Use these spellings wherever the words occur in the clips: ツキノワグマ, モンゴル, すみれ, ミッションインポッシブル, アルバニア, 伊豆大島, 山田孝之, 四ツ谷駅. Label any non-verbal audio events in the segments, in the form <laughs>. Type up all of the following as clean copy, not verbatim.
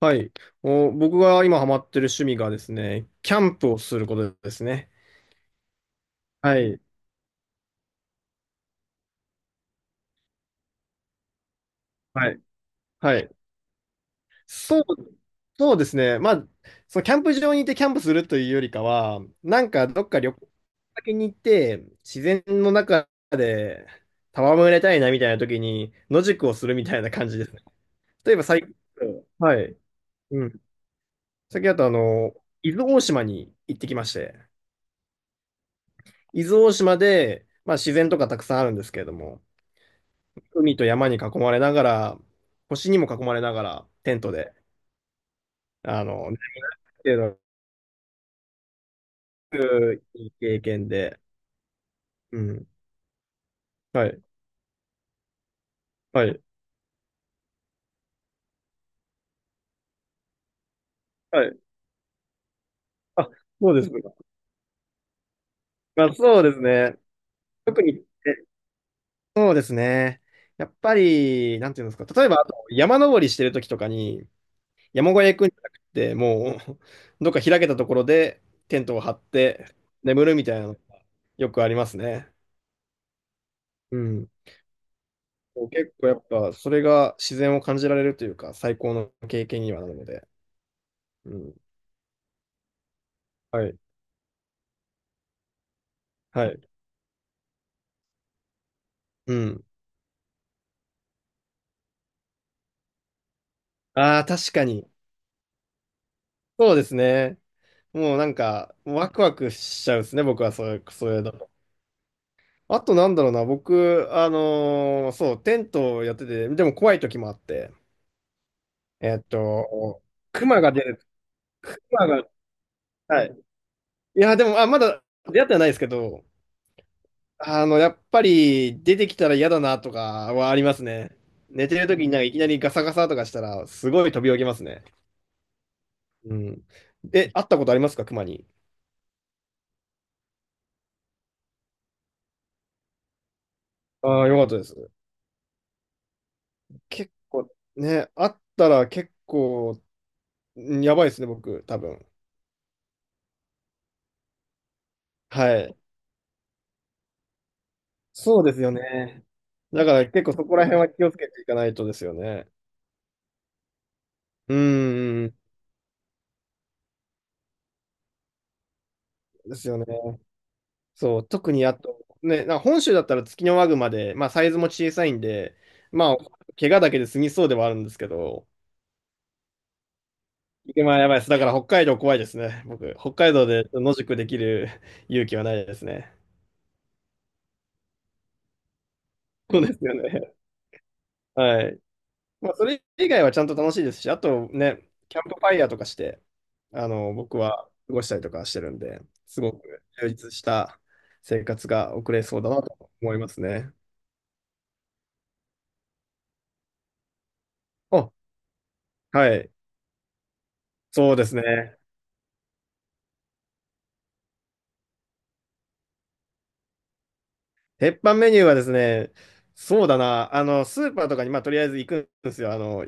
はい。お、僕が今ハマってる趣味がですね、キャンプをすることですね。はい。はい。はい。そう、そうですね。まあ、そのキャンプ場に行ってキャンプするというよりかは、なんかどっか旅行先に行って、自然の中で戯れたいなみたいな時に野宿をするみたいな感じですね。例えば最近、はい。うん。最近だと伊豆大島に行ってきまして、伊豆大島で、まあ自然とかたくさんあるんですけれども、海と山に囲まれながら、星にも囲まれながら、テントで、ね、っていうのはすごくいい経験で、うん。はい、はい、はい。あ、そうですか。まあ、そうですね。特に、えそうですね。やっぱり、なんていうんですか、例えば、あと山登りしてる時とかに、山小屋行くんじゃなくて、もう、<laughs> どっか開けたところでテントを張って眠るみたいなのがよくありますね。うん。こう結構やっぱ、それが自然を感じられるというか、最高の経験にはなるので。うん。はい。はい。うん。ああ、確かに。そうですね。もうなんか、ワクワクしちゃうですね、僕はそれ、それだと。あとなんだろうな、僕、そう、テントをやってて、でも怖い時もあって、えーっと、クマが出る、クマが、はい。いや、でも、まだ出会ってはないですけど、あの、やっぱり出てきたら嫌だなとかはありますね。寝てる時になんかいきなりガサガサとかしたら、すごい飛び起きますね。うん。え、会ったことありますか、熊に。ああ、よかったです。結構、ね、会ったら結構、んやばいですね、僕、多分。はい。そうですよね。だから結構そこら辺は気をつけていかないとですよね。うん、うんうんですよね。そう、特にあと、ね、なんか本州だったらツキノワグマで、まあサイズも小さいんで、まあ、怪我だけで済みそうではあるんですけど、まあやばいです。だから北海道怖いですね。僕、北海道で野宿できる <laughs> 勇気はないですね。そうですよね。<laughs> はい。まあそれ以外はちゃんと楽しいですし、あとね、キャンプファイヤーとかして、あの、僕は過ごしたりとかしてるんで、すごく充実した生活が送れそうだなと思いますね。あ、はい。そうですね。鉄板メニューはですね、そうだな、あの、スーパーとかに、まあ、とりあえず行くんですよ。あの、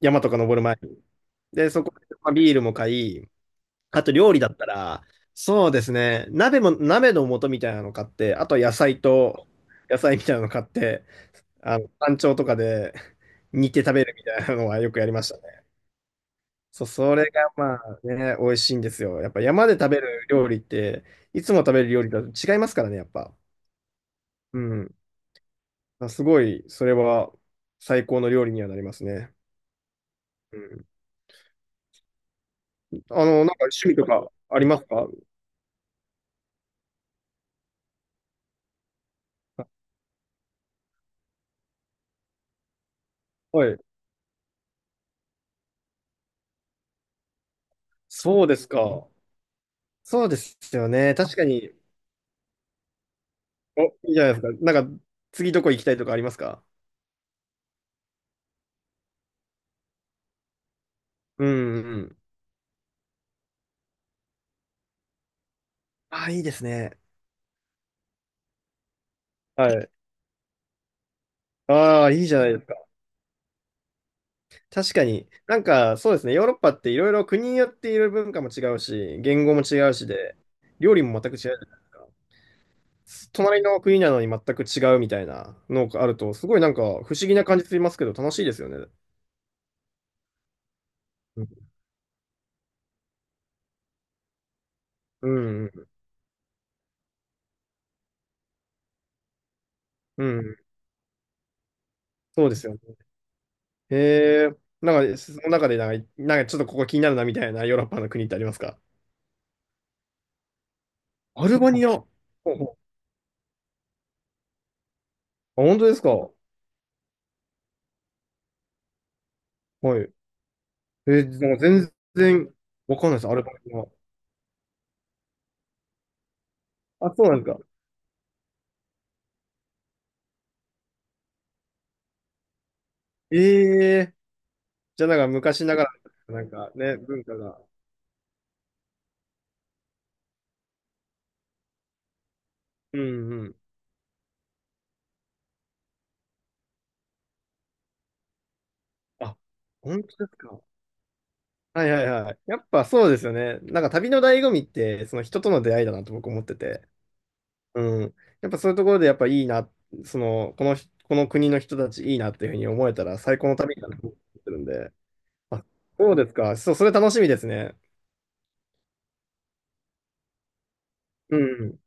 山とか登る前に。で、そこで、まあ、ビールも買い、あと料理だったら、そうですね、鍋も、鍋の素みたいなの買って、あと野菜と、野菜みたいなの買って、あの、山頂とかで煮て食べるみたいなのはよくやりましたね。そう、それがまあね、美味しいんですよ。やっぱ山で食べる料理って、いつも食べる料理だと違いますからね、やっぱ。うん。あ、すごい、それは最高の料理にはなりますね。うん。あの、なんか趣味とかありますか？あはい。そうですか。そうですよね。確かに。お、いいじゃないですか。なんか、次どこ行きたいとかありますか？うんうん。ああ、いいですね。はい。ああ、いいじゃないですか。確かに。なんか、そうですね。ヨーロッパっていろいろ国によっていろいろ文化も違うし、言語も違うしで、料理も全く違うじゃないですか。隣の国なのに全く違うみたいなのがあると、すごいなんか不思議な感じしますけど、楽しいですよね。うん、うん、うんうんそうですよね。へえ、なんか、その中でなんか、なんかちょっとここ気になるなみたいなヨーロッパの国ってありますか？アルバニア。ほうほうあ、本当ですか？はい。なんか全然わかんないです、アルバニア。あ、そうなんですか。ええ、じゃあなんか昔ながら、なんかね、文化が。うんうん。あ、本当ですか。はいはいはい。やっぱそうですよね。なんか旅の醍醐味って、その人との出会いだなと僕思ってて。うん。やっぱそういうところでやっぱいいな、その、このひ、この国の人たちいいなっていうふうに思えたら最高の旅だなと思ってるんで。あ、そうですか。そう、それ楽しみですね。うん。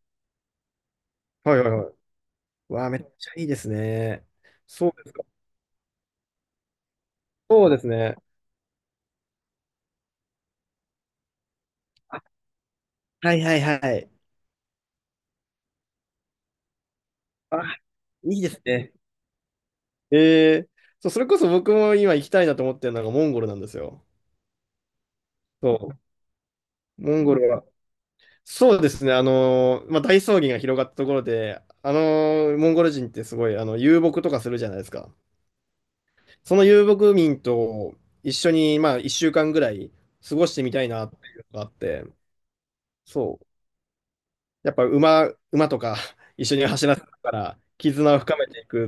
はいはいはい。わあ、めっちゃいいですね。そうですか。そうですね。あ、はいはいはい。あ、いいですね。えー、そう、それこそ僕も今行きたいなと思ってるのがモンゴルなんですよ。そう。モンゴルはそうですね。まあ、大草原が広がったところで、モンゴル人ってすごい、遊牧とかするじゃないですか。その遊牧民と一緒に、まあ、1週間ぐらい過ごしてみたいなっていうのがあって、そう。やっぱ馬とか <laughs> 一緒に走らせながら、絆を深めていく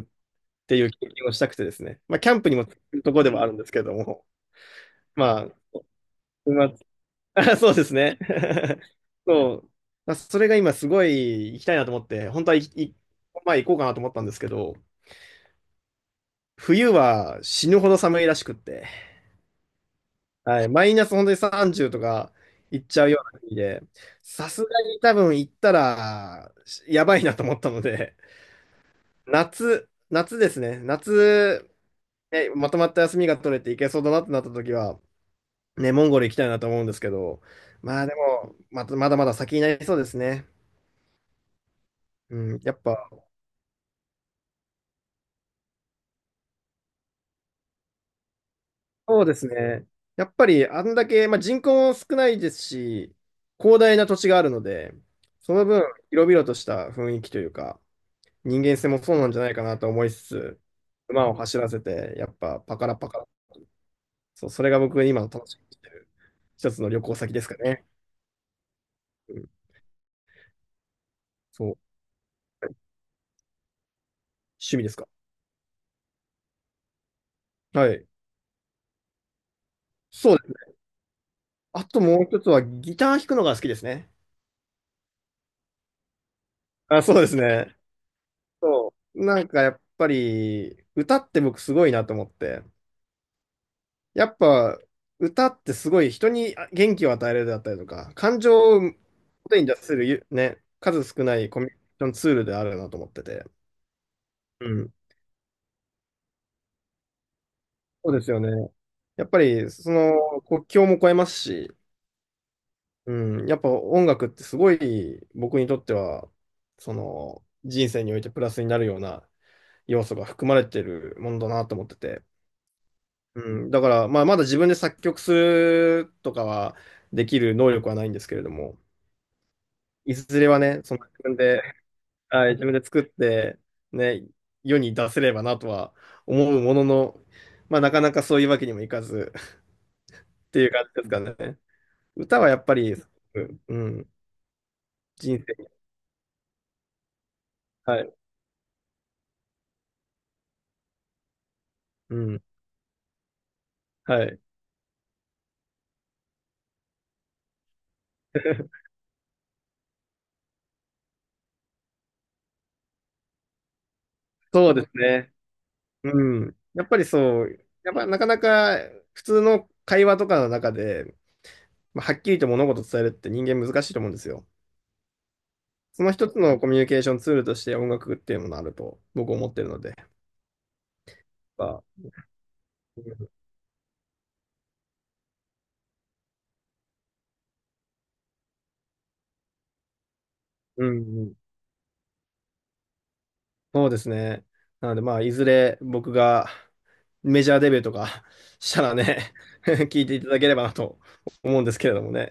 っていう経験をしたくてですね。まあ、キャンプにもつくところでもあるんですけれども、まあ、馬 <laughs> あそうですね。<laughs> そう。まあそれが今すごい行きたいなと思って、本当はいいまあ行こうかなと思ったんですけど、冬は死ぬほど寒いらしくって、はい、マイナス本当に30とか行っちゃうような国で、さすがに多分行ったらやばいなと思ったので、夏ですね。夏、ね、まとまった休みが取れて行けそうだなってなった時は、ね、モンゴル行きたいなと思うんですけど、まあでも、またまだまだ先になりそうですね。うん、やっぱそうですね。やっぱりあんだけ、まあ、人口も少ないですし、広大な土地があるので、その分、広々とした雰囲気というか、人間性もそうなんじゃないかなと思いつつ、馬を走らせて、やっぱパカラパカラ。そう、それが僕今の楽しみにしてる一つの旅行先ですかね。うん、そう、趣味ですか。はい。そうですね。あともう一つはギター弾くのが好きですね。あ、そうですね。そう。なんかやっぱり、歌って僕すごいなと思って。やっぱ歌ってすごい人に元気を与えるだったりとか、感情を表に出せるゆね、数少ないコミュニケーションツールであるなと思ってて。うん。そうですよね。やっぱりその国境も越えますし、うん、やっぱ音楽ってすごい僕にとっては、その人生においてプラスになるような要素が含まれてるものだなと思ってて。うん、だから、まあ、まだ自分で作曲するとかはできる能力はないんですけれども、いずれはね、その自分で、はい、自分で作って、ね、世に出せればなとは思うものの、まあ、なかなかそういうわけにもいかず <laughs> っていう感じですかね。歌はやっぱり、うん、人生に、はい、うん、はい。<laughs> そうですね。うん。やっぱりそう、やっぱなかなか普通の会話とかの中で、まあ、はっきりと物事を伝えるって人間難しいと思うんですよ。その一つのコミュニケーションツールとして音楽っていうものがあると僕思ってるので、やっぱうんうん、そうですね。なので、まあ、いずれ僕がメジャーデビューとか <laughs> したらね <laughs> 聞いていただければなと思うんですけれどもね。